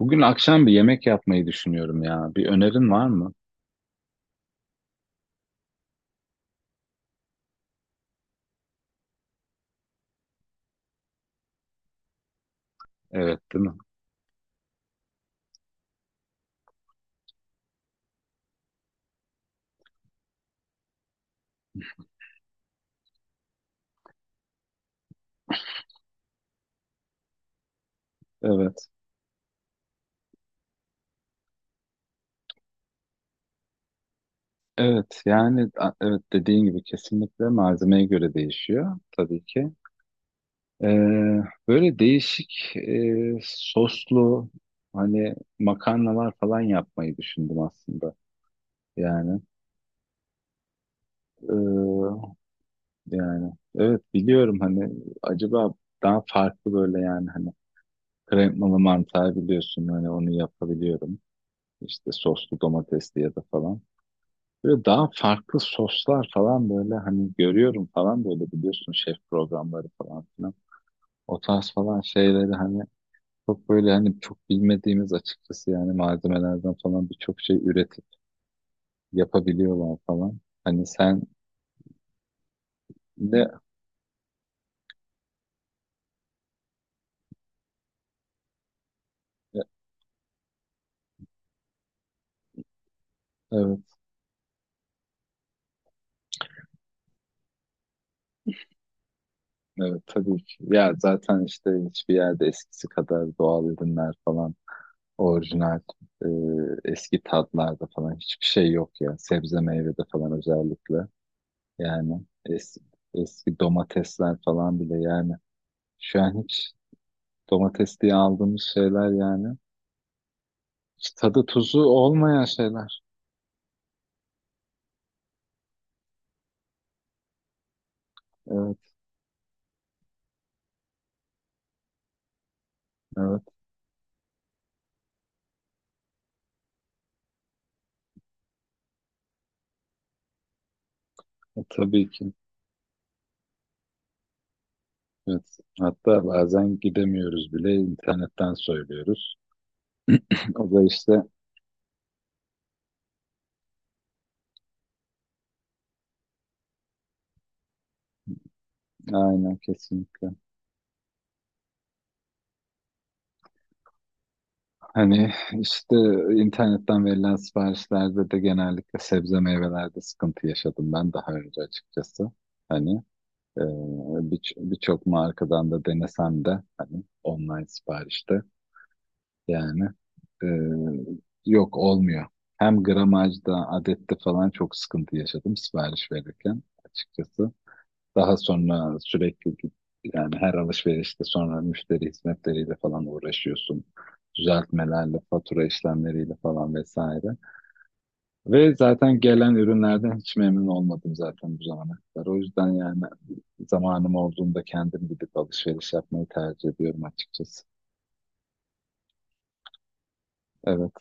Bugün akşam bir yemek yapmayı düşünüyorum ya. Bir önerin var mı? Evet, değil mi? Evet. Evet, yani evet dediğin gibi kesinlikle malzemeye göre değişiyor tabii ki. Ee, Böyle değişik soslu hani makarnalar falan yapmayı düşündüm aslında. Yani ee, yani evet biliyorum hani acaba daha farklı böyle yani hani kremalı mantar biliyorsun hani onu yapabiliyorum. İşte soslu domatesli ya da falan. Böyle daha farklı soslar falan böyle hani görüyorum falan böyle biliyorsun şef programları falan filan. O tarz falan şeyleri hani çok böyle hani çok bilmediğimiz açıkçası yani malzemelerden falan birçok şey üretip yapabiliyorlar falan. Hani sen de e, evet evet tabii ki. Ya zaten işte hiçbir yerde eskisi kadar doğal ürünler falan orijinal e, eski tatlarda falan hiçbir şey yok ya sebze meyvede falan özellikle. Yani eski, eski domatesler falan bile yani. Şu an hiç domates diye aldığımız şeyler yani. Hiç tadı tuzu olmayan şeyler. Evet, evet. E, tabii ki. Evet. Hatta bazen gidemiyoruz bile internetten söylüyoruz. O da işte aynen kesinlikle. Hani işte internetten verilen siparişlerde de genellikle sebze meyvelerde sıkıntı yaşadım ben daha önce açıkçası. Hani Ee, birçok markadan da denesem de hani online siparişte yani e, yok olmuyor. Hem gramajda, adette falan çok sıkıntı yaşadım sipariş verirken açıkçası. Daha sonra sürekli yani her alışverişte sonra müşteri hizmetleriyle falan uğraşıyorsun. Düzeltmelerle, fatura işlemleriyle falan vesaire. Ve zaten gelen ürünlerden hiç memnun olmadım zaten bu zamana kadar. O yüzden yani zamanım olduğunda kendim gidip alışveriş yapmayı tercih ediyorum açıkçası. Evet,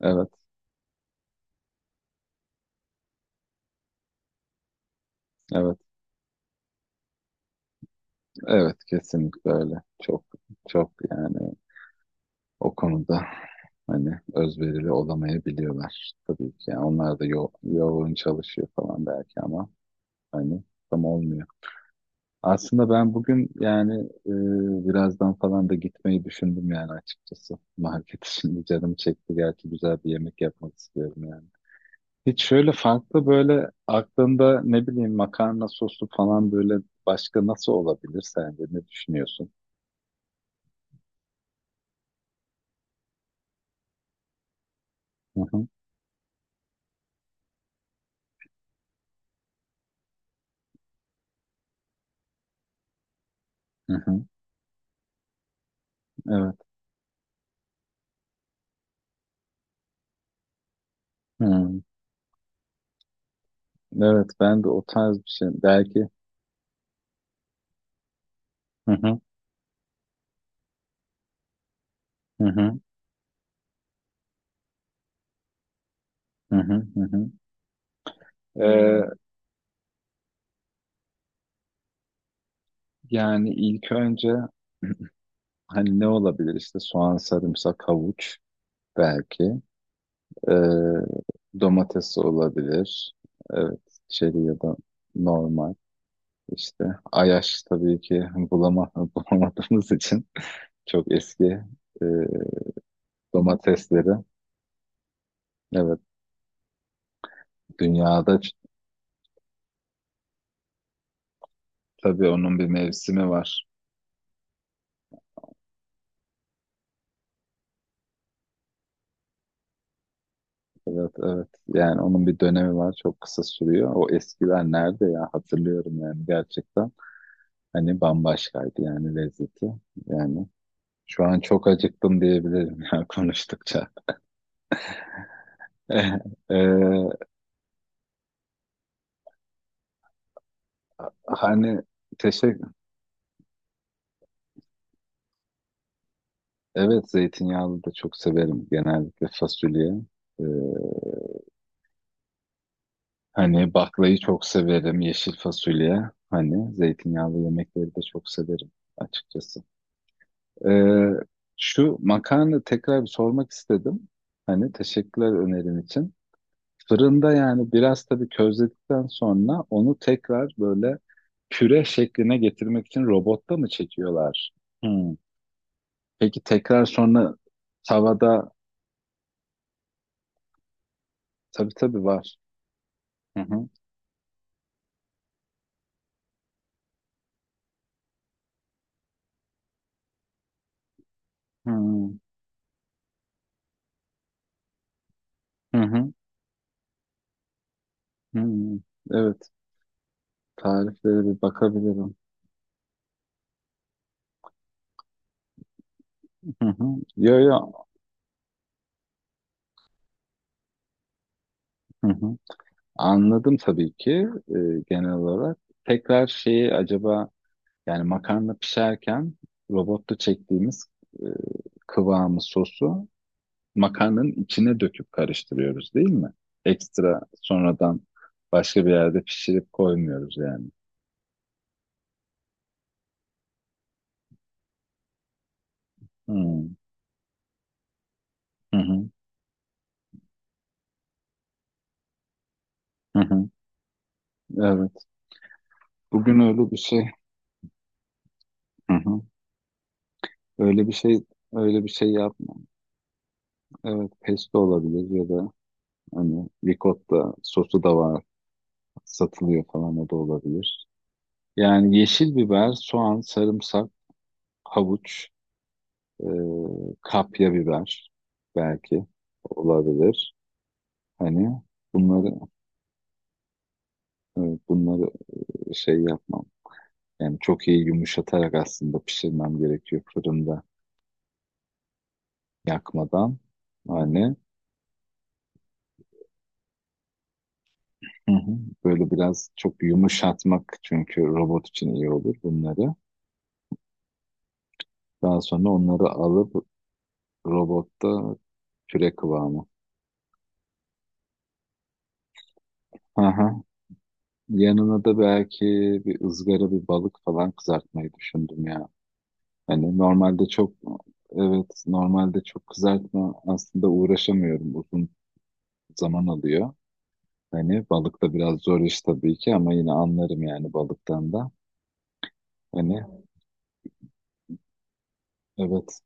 evet, evet, evet kesinlikle öyle. Çok, çok yani o konuda hani özverili olamayabiliyorlar tabii ki. Yani onlar da yoğun çalışıyor falan belki ama hani tam olmuyor. Aslında ben bugün yani birazdan falan da gitmeyi düşündüm yani açıkçası. Market şimdi canım çekti. Gerçi güzel bir yemek yapmak istiyorum yani. Hiç şöyle farklı böyle aklında ne bileyim makarna soslu falan böyle başka nasıl olabilir sence ne düşünüyorsun? Hı hı, hı hı, evet. Hı. Evet ben de o tarz bir şey belki. Hı hı, hı hı, hı hı, hı hı. Ee, Yani ilk önce hani ne olabilir işte soğan, sarımsak, havuç belki. Ee, Domates olabilir. Evet çeri ya da normal. İşte Ayaş tabii ki bulama, bulamadığımız için çok eski e, domatesleri. Evet. Dünyada ç- tabii onun bir mevsimi var. Evet, evet. Yani onun bir dönemi var. Çok kısa sürüyor. O eskiler nerede ya? Hatırlıyorum yani gerçekten. Hani bambaşkaydı yani lezzeti. Yani şu an çok acıktım diyebilirim ya konuştukça. Ee, Hani teşekkür. Evet zeytinyağlı da çok severim genellikle fasulye. Ee, Hani baklayı çok severim, yeşil fasulye. Hani zeytinyağlı yemekleri de çok severim açıkçası. Ee, Şu makarna tekrar bir sormak istedim. Hani teşekkürler önerin için. Fırında yani biraz tabii közledikten sonra onu tekrar böyle püre şekline getirmek için robotta mı çekiyorlar? Hmm. Peki tekrar sonra tavada tabii tabii var. Hı hı. Hı hı. Hı hı. Hı. Evet. Tariflere bir bakabilirim. Hı hı. Yo yo. Hı hı. Anladım tabii ki e, genel olarak. Tekrar şeyi acaba yani makarna pişerken robotta çektiğimiz e, kıvamı sosu makarnanın içine döküp karıştırıyoruz değil mi? Ekstra sonradan başka bir yerde pişirip koymuyoruz yani. Hı hı hı, hı hı. Evet. Bugün öyle bir şey. Hı hı. Öyle bir şey öyle bir şey yapma. Evet, pesto olabilir ya da hani ricotta sosu da var satılıyor falan o da olabilir. Yani yeşil biber, soğan, sarımsak, havuç, e, kapya biber belki olabilir. Hani bunları e, bunları şey yapmam. Yani çok iyi yumuşatarak aslında pişirmem gerekiyor fırında yakmadan. Hani hı hı, böyle biraz çok yumuşatmak çünkü robot için iyi olur bunları. Daha sonra onları alıp robotta püre kıvamı. Hı hı. Yanına da belki bir ızgara bir balık falan kızartmayı düşündüm ya. Hani normalde çok evet normalde çok kızartma aslında uğraşamıyorum uzun zaman alıyor. Hani balık da biraz zor iş tabii ki ama yine anlarım yani balıktan da. Hani evet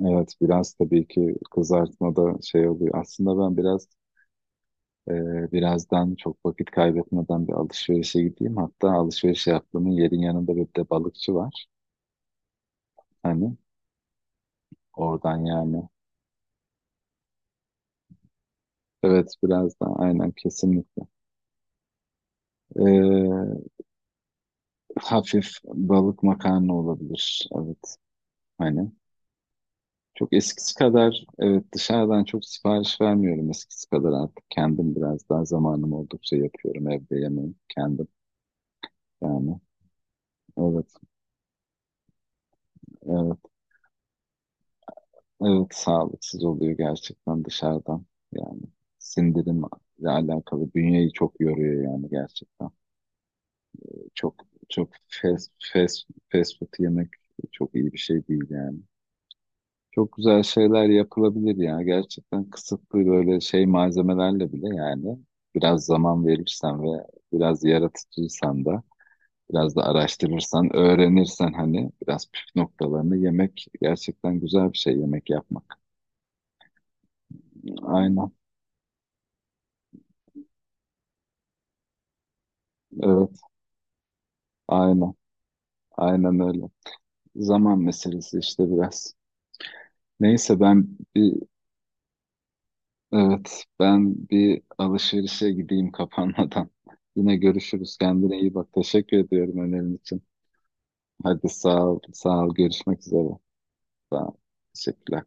evet biraz tabii ki kızartmada şey oluyor. Aslında ben biraz birazdan çok vakit kaybetmeden bir alışverişe gideyim. Hatta alışveriş yaptığımın yerin yanında bir de balıkçı var. Hani oradan yani evet biraz daha aynen kesinlikle. Ee, Hafif balık makarna olabilir. Evet hani çok eskisi kadar evet dışarıdan çok sipariş vermiyorum eskisi kadar artık kendim biraz daha zamanım oldukça yapıyorum evde yemeği kendim yani. Evet evet evet sağlıksız oluyor gerçekten dışarıdan yani sindirimle alakalı bünyeyi çok yoruyor yani gerçekten. Çok çok fast food yemek çok iyi bir şey değil yani. Çok güzel şeyler yapılabilir ya. Gerçekten kısıtlı böyle şey malzemelerle bile yani biraz zaman verirsen ve biraz yaratıcıysan da biraz da araştırırsan, öğrenirsen hani biraz püf noktalarını yemek gerçekten güzel bir şey yemek yapmak. Aynen. Evet. Aynen. Aynen öyle. Zaman meselesi işte biraz. Neyse ben bir evet ben bir alışverişe gideyim kapanmadan. Yine görüşürüz. Kendine iyi bak. Teşekkür ediyorum önerin için. Hadi sağ ol. Sağ ol. Görüşmek üzere. Sağ ol. Teşekkürler.